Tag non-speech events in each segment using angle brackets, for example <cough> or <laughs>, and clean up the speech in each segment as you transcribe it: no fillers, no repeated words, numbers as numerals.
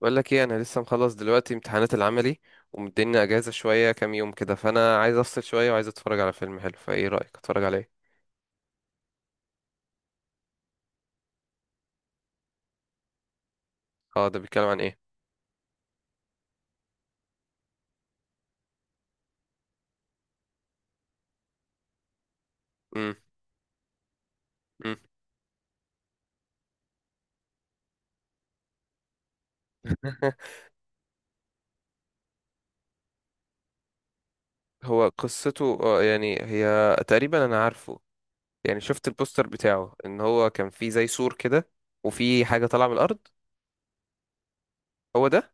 بقول لك ايه، انا لسه مخلص دلوقتي امتحانات العملي ومديني اجازه شويه كام يوم كده، فانا عايز افصل شويه وعايز اتفرج على فيلم حلو. فايه رايك اتفرج على ايه؟ اه، ده بيتكلم عن ايه؟ امم. امم. <laughs> هو قصته يعني هي تقريبا انا عارفه. يعني شفت البوستر بتاعه ان هو كان فيه زي سور كده، وفي حاجه طالعه من الارض. هو ده؟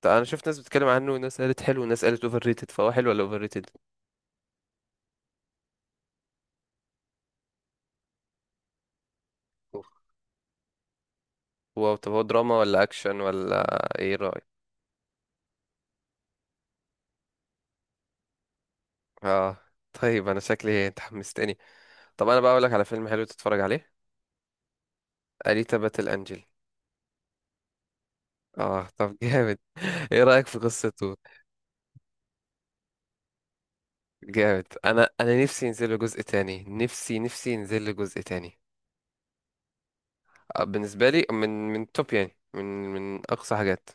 طيب، انا شفت ناس بتتكلم عنه، وناس قالت حلو وناس قالت اوفر ريتد، فهو حلو ولا اوفر ريتد؟ هو طب هو دراما ولا اكشن ولا؟ ايه رايك؟ اه. طيب انا شكلي انت حمستني. طب انا بقى اقول لك على فيلم حلو تتفرج عليه. أليتا باتل انجل. اه، طب جامد. <laughs> ايه رأيك في قصته؟ جامد. انا نفسي ينزل له جزء تاني، نفسي نفسي ينزل له جزء تاني. بالنسبة لي من من توب، يعني من اقصى حاجات.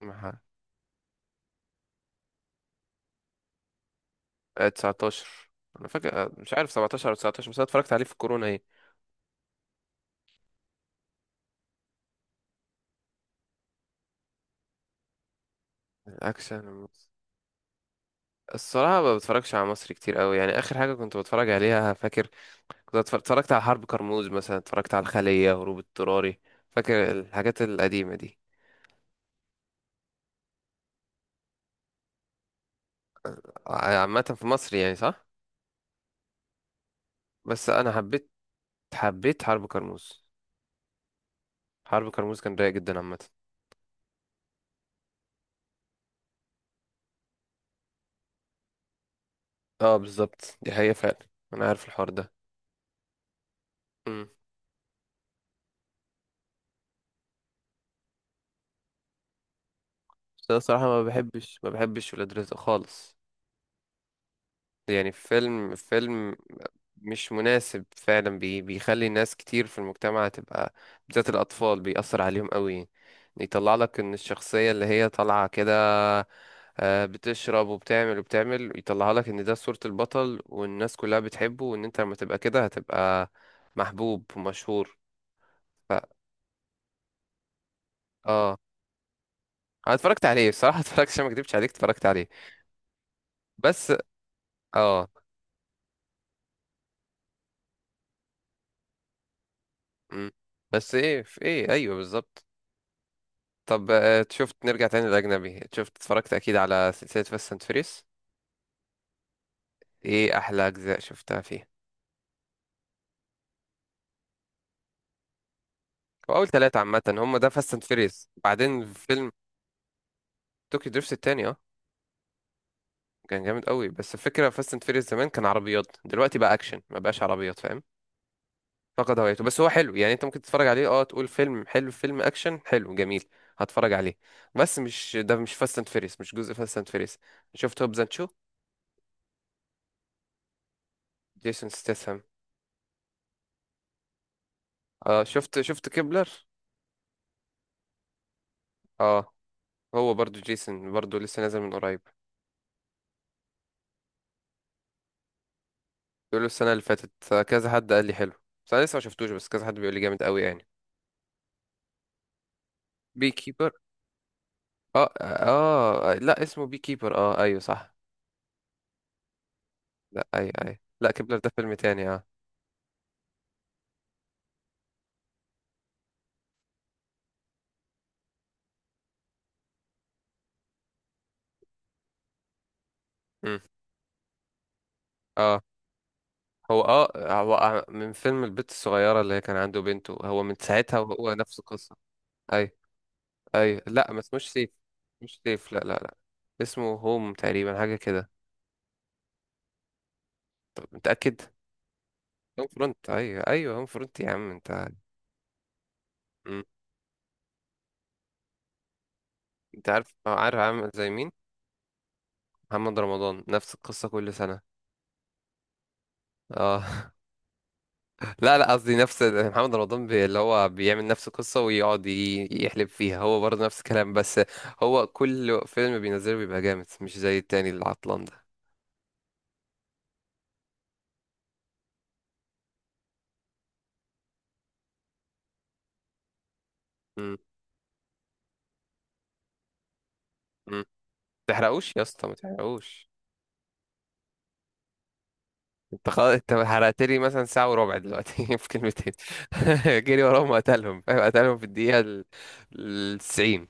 مها- 19. انا فاكر، مش عارف 17 او 19، بس انا اتفرجت عليه في الكورونا. ايه؟ الاكشن. الصراحة ما بتفرجش على مصري كتير قوي، يعني آخر حاجة كنت بتفرج عليها فاكر. اتفرجت على حرب كرموز، مثلا اتفرجت على الخلية، هروب اضطراري. فاكر الحاجات القديمة دي؟ عامة في مصر، يعني صح. بس انا حبيت حرب كرموز. حرب كرموز كان رايق جدا عامة. اه، بالظبط دي حقيقة فعلا. انا عارف الحوار ده. امم. بس انا الصراحة ما بحبش ولاد رزق خالص. يعني فيلم مش مناسب فعلا، بيخلي ناس كتير في المجتمع تبقى، بالذات الأطفال بيأثر عليهم قوي. يطلع لك ان الشخصية اللي هي طالعة كده، بتشرب وبتعمل وبتعمل، يطلعها لك ان ده صورة البطل والناس كلها بتحبه، وان انت لما تبقى كده هتبقى محبوب ومشهور. ف... اه. انا اتفرجت عليه بصراحة. <laughs> اتفرجت عشان ما اكدبش عليك، اتفرجت عليه. بس. اه. مم. بس ايه في ايه، ايوه بالظبط. طب، شفت، نرجع تاني للاجنبي. شفت اتفرجت اكيد على سلسلة فاست اند فيريس؟ ايه احلى اجزاء شفتها فيه؟ واول 3 عامة هم، ده فاست اند فيريس بعدين فيلم. توكي دريفت التاني اه. كان جامد قوي. بس الفكره، فاست اند فيريس زمان كان عربيات، دلوقتي بقى اكشن ما بقاش عربيات، فاهم؟ فقد هويته. بس هو حلو يعني، انت ممكن تتفرج عليه، اه، تقول فيلم حلو، فيلم اكشن حلو جميل. هتفرج عليه. بس مش، ده مش فاست اند فيريس، مش جزء فاست اند فيريس. شفت هوبز اند شو؟ جيسون ستاثام. اه، شفت كيبلر؟ اه. هو برضو جيسون، برضو لسه نازل من قريب. بيقولوا السنه اللي فاتت. كذا حد قال لي حلو. بس انا لسه ما شفتوش، بس كذا حد بيقول لي جامد قوي يعني. بي كيبر. اه، اه، لا، اسمه بي كيبر، اه ايوه صح. لا، اي، اي، لا كيبلر ده فيلم تاني. اه. امم. اه، هو اه هو من فيلم البت الصغيرة اللي هي كان عنده بنته، هو من ساعتها وهو نفس القصة. اي، اي، لا ما اسموش سيف، مش سيف، لا، لا، لا. اسمه هوم تقريبا، حاجة كده. طب متأكد؟ هوم فرونت، ايوه ايوه، هوم فرونت يا عم انت. مم. انت عارف عامل زي مين؟ محمد رمضان، نفس القصة كل سنة. اه. <laughs> لا، لا، قصدي نفس محمد رمضان، اللي هو بيعمل نفس القصة ويقعد يحلب فيها، هو برضه نفس الكلام بس. هو كل فيلم بينزله بيبقى جامد، مش زي التاني العطلان ده. مم. مم. تحرقوش يا اسطى، ما تحرقوش! انت خلاص، انت حرقت لي مثلا ساعة وربع دلوقتي <laughs> في كلمتين. <laughs> جري وراهم وقتلهم، فاهم؟ قتلهم في الدقيقة الـ90.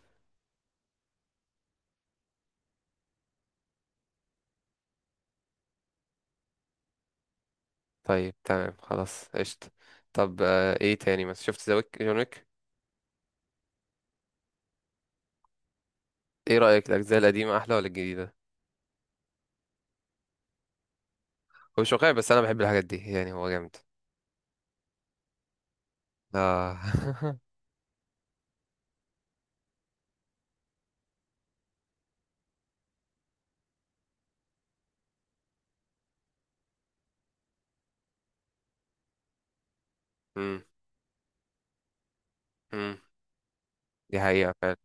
طيب تمام، خلاص قشطة. طب، ايه تاني مثلا؟ شفت ذا ويك؟ جون ويك؟ ايه رأيك الأجزاء القديمة أحلى ولا الجديدة؟ هو مش واقعي بس انا بحب الحاجات دي يعني، هو جامد. اه. <laughs> مم. مم. دي حقيقة فعلا.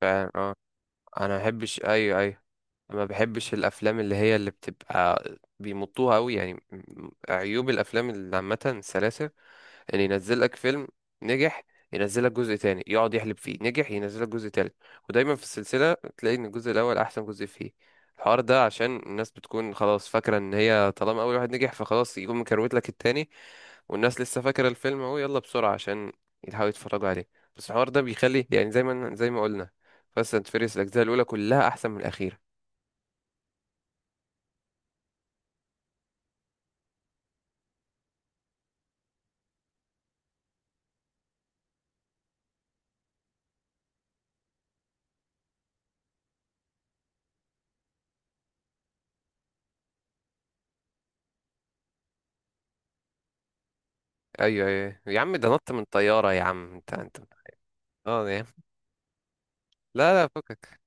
فعلا اه. انا ما بحبش، ايوه ايوه. ما بحبش الافلام اللي هي اللي بتبقى بيمطوها قوي يعني، عيوب الافلام اللي عامة السلاسل. يعني ينزل لك فيلم، نجح، ينزل لك جزء تاني يقعد يحلب فيه، نجح، ينزل لك جزء تالت. ودايما في السلسلة تلاقي ان الجزء الاول احسن جزء فيه. الحوار ده عشان الناس بتكون خلاص فاكرة ان هي طالما اول واحد نجح، فخلاص يقوم مكروت لك التاني. والناس لسه فاكرة الفيلم اهو، يلا بسرعة عشان يحاولوا يتفرجوا عليه. بس الحوار ده بيخلي يعني، زي ما قلنا. فاست اند فيريس الاجزاء الاولى كلها احسن من الاخيرة. ايوه، ايوه يا عم، ده نط من طيارة يا عم، انت. اه يا عم. لا، لا، فكك.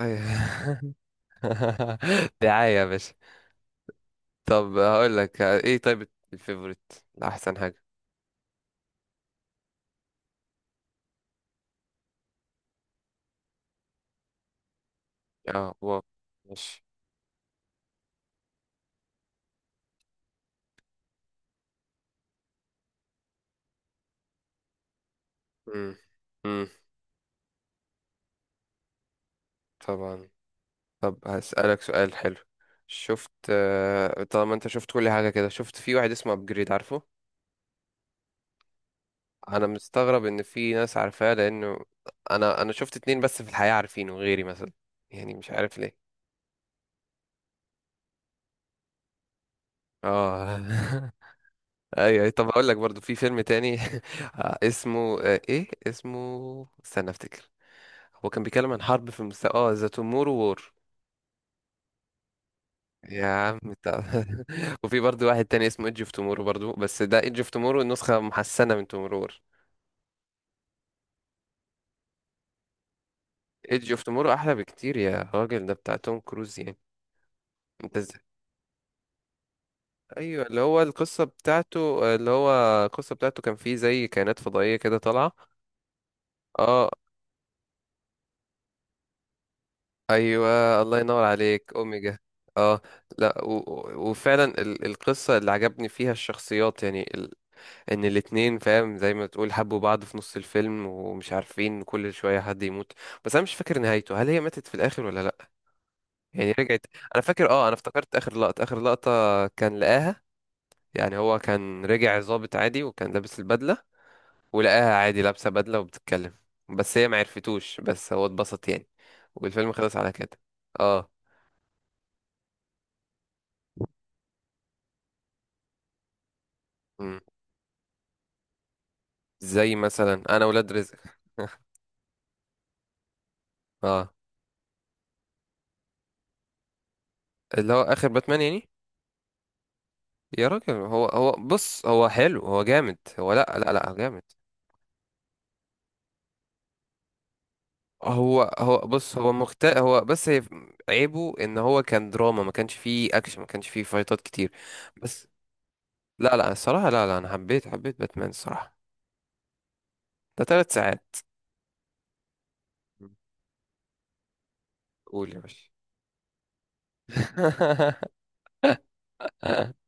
ايوه. <laughs> <laughs> دعاية يا باشا. طب هقول لك ايه، طيب الفيفوريت؟ احسن حاجة؟ اه، واو. ماشي. مم. مم. طبعا. طب هسألك سؤال حلو. شفت آه، طالما انت شفت كل حاجة كده، شفت في واحد اسمه ابجريد؟ عارفه؟ انا مستغرب ان في ناس عارفاه لانه، انا شفت 2 بس في الحياة عارفينه غيري مثلا. يعني مش عارف ليه. اه. <laughs> ايوه، طب هقول لك برضو في فيلم تاني. <laughs> اسمه ايه اسمه؟ استنى افتكر. هو كان بيتكلم عن حرب في مست... اه ذا تومورو وور. يا عم انت. <laughs> وفي برضو واحد تاني اسمه ايدج اوف تومورو برضو، بس ده ايدج اوف تومورو نسخة محسنة من تومورو وور. ايدج اوف تومورو احلى بكتير يا راجل، ده بتاع توم كروز يعني. انت ازاي؟ ايوه، اللي هو القصة بتاعته، اللي هو. القصة بتاعته كان فيه زي كائنات فضائية كده طالعة. اه. ايوه الله ينور عليك. اوميجا. اه. لا. وفعلا القصة اللي عجبني فيها الشخصيات يعني. ان الاتنين، فاهم، زي ما تقول حبوا بعض في نص الفيلم، ومش عارفين كل شوية حد يموت. بس انا مش فاكر نهايته، هل هي ماتت في الاخر ولا لا؟ يعني رجعت؟ انا فاكر، اه، انا افتكرت اخر لقطة، اخر لقطة. كان لقاها. يعني هو كان رجع ظابط عادي وكان لابس البدلة. ولقاها عادي لابسة بدلة وبتتكلم. بس هي ما عرفتوش، بس هو اتبسط يعني. والفيلم خلص على كده. اه. مم. زي مثلا انا، ولاد رزق. <laughs> اه، اللي هو اخر باتمان يعني. يا راجل، هو بص هو حلو، هو جامد هو، لا، لا، لا، هو جامد. هو بص هو مخت هو بس هي. عيبه ان هو كان دراما، ما كانش فيه اكشن ما كانش فيه فايتات كتير. بس. لا، لا، الصراحة، لا، لا، انا حبيت باتمان الصراحة. ده 3 ساعات. قول يا باشا. <laughs>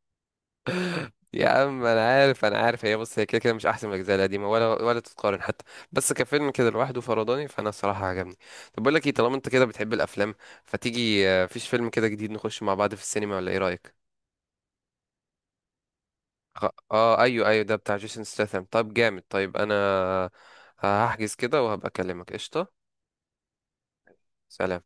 يا عم انا عارف هي بص، هي كده كده مش احسن من الاجزاء القديمه، ولا تتقارن حتى. بس كفيلم كده لوحده فرضاني، فانا الصراحه عجبني. طب بقول لك ايه، طالما انت كده بتحب الافلام، فتيجي فيش فيلم كده جديد نخش مع بعض في السينما ولا؟ ايه رايك؟ خ- اه، ايوه، ايوه، ده بتاع جيسون ستاثام. طب جامد، طيب انا هحجز كده وهبقى اكلمك، قشطه. سلام.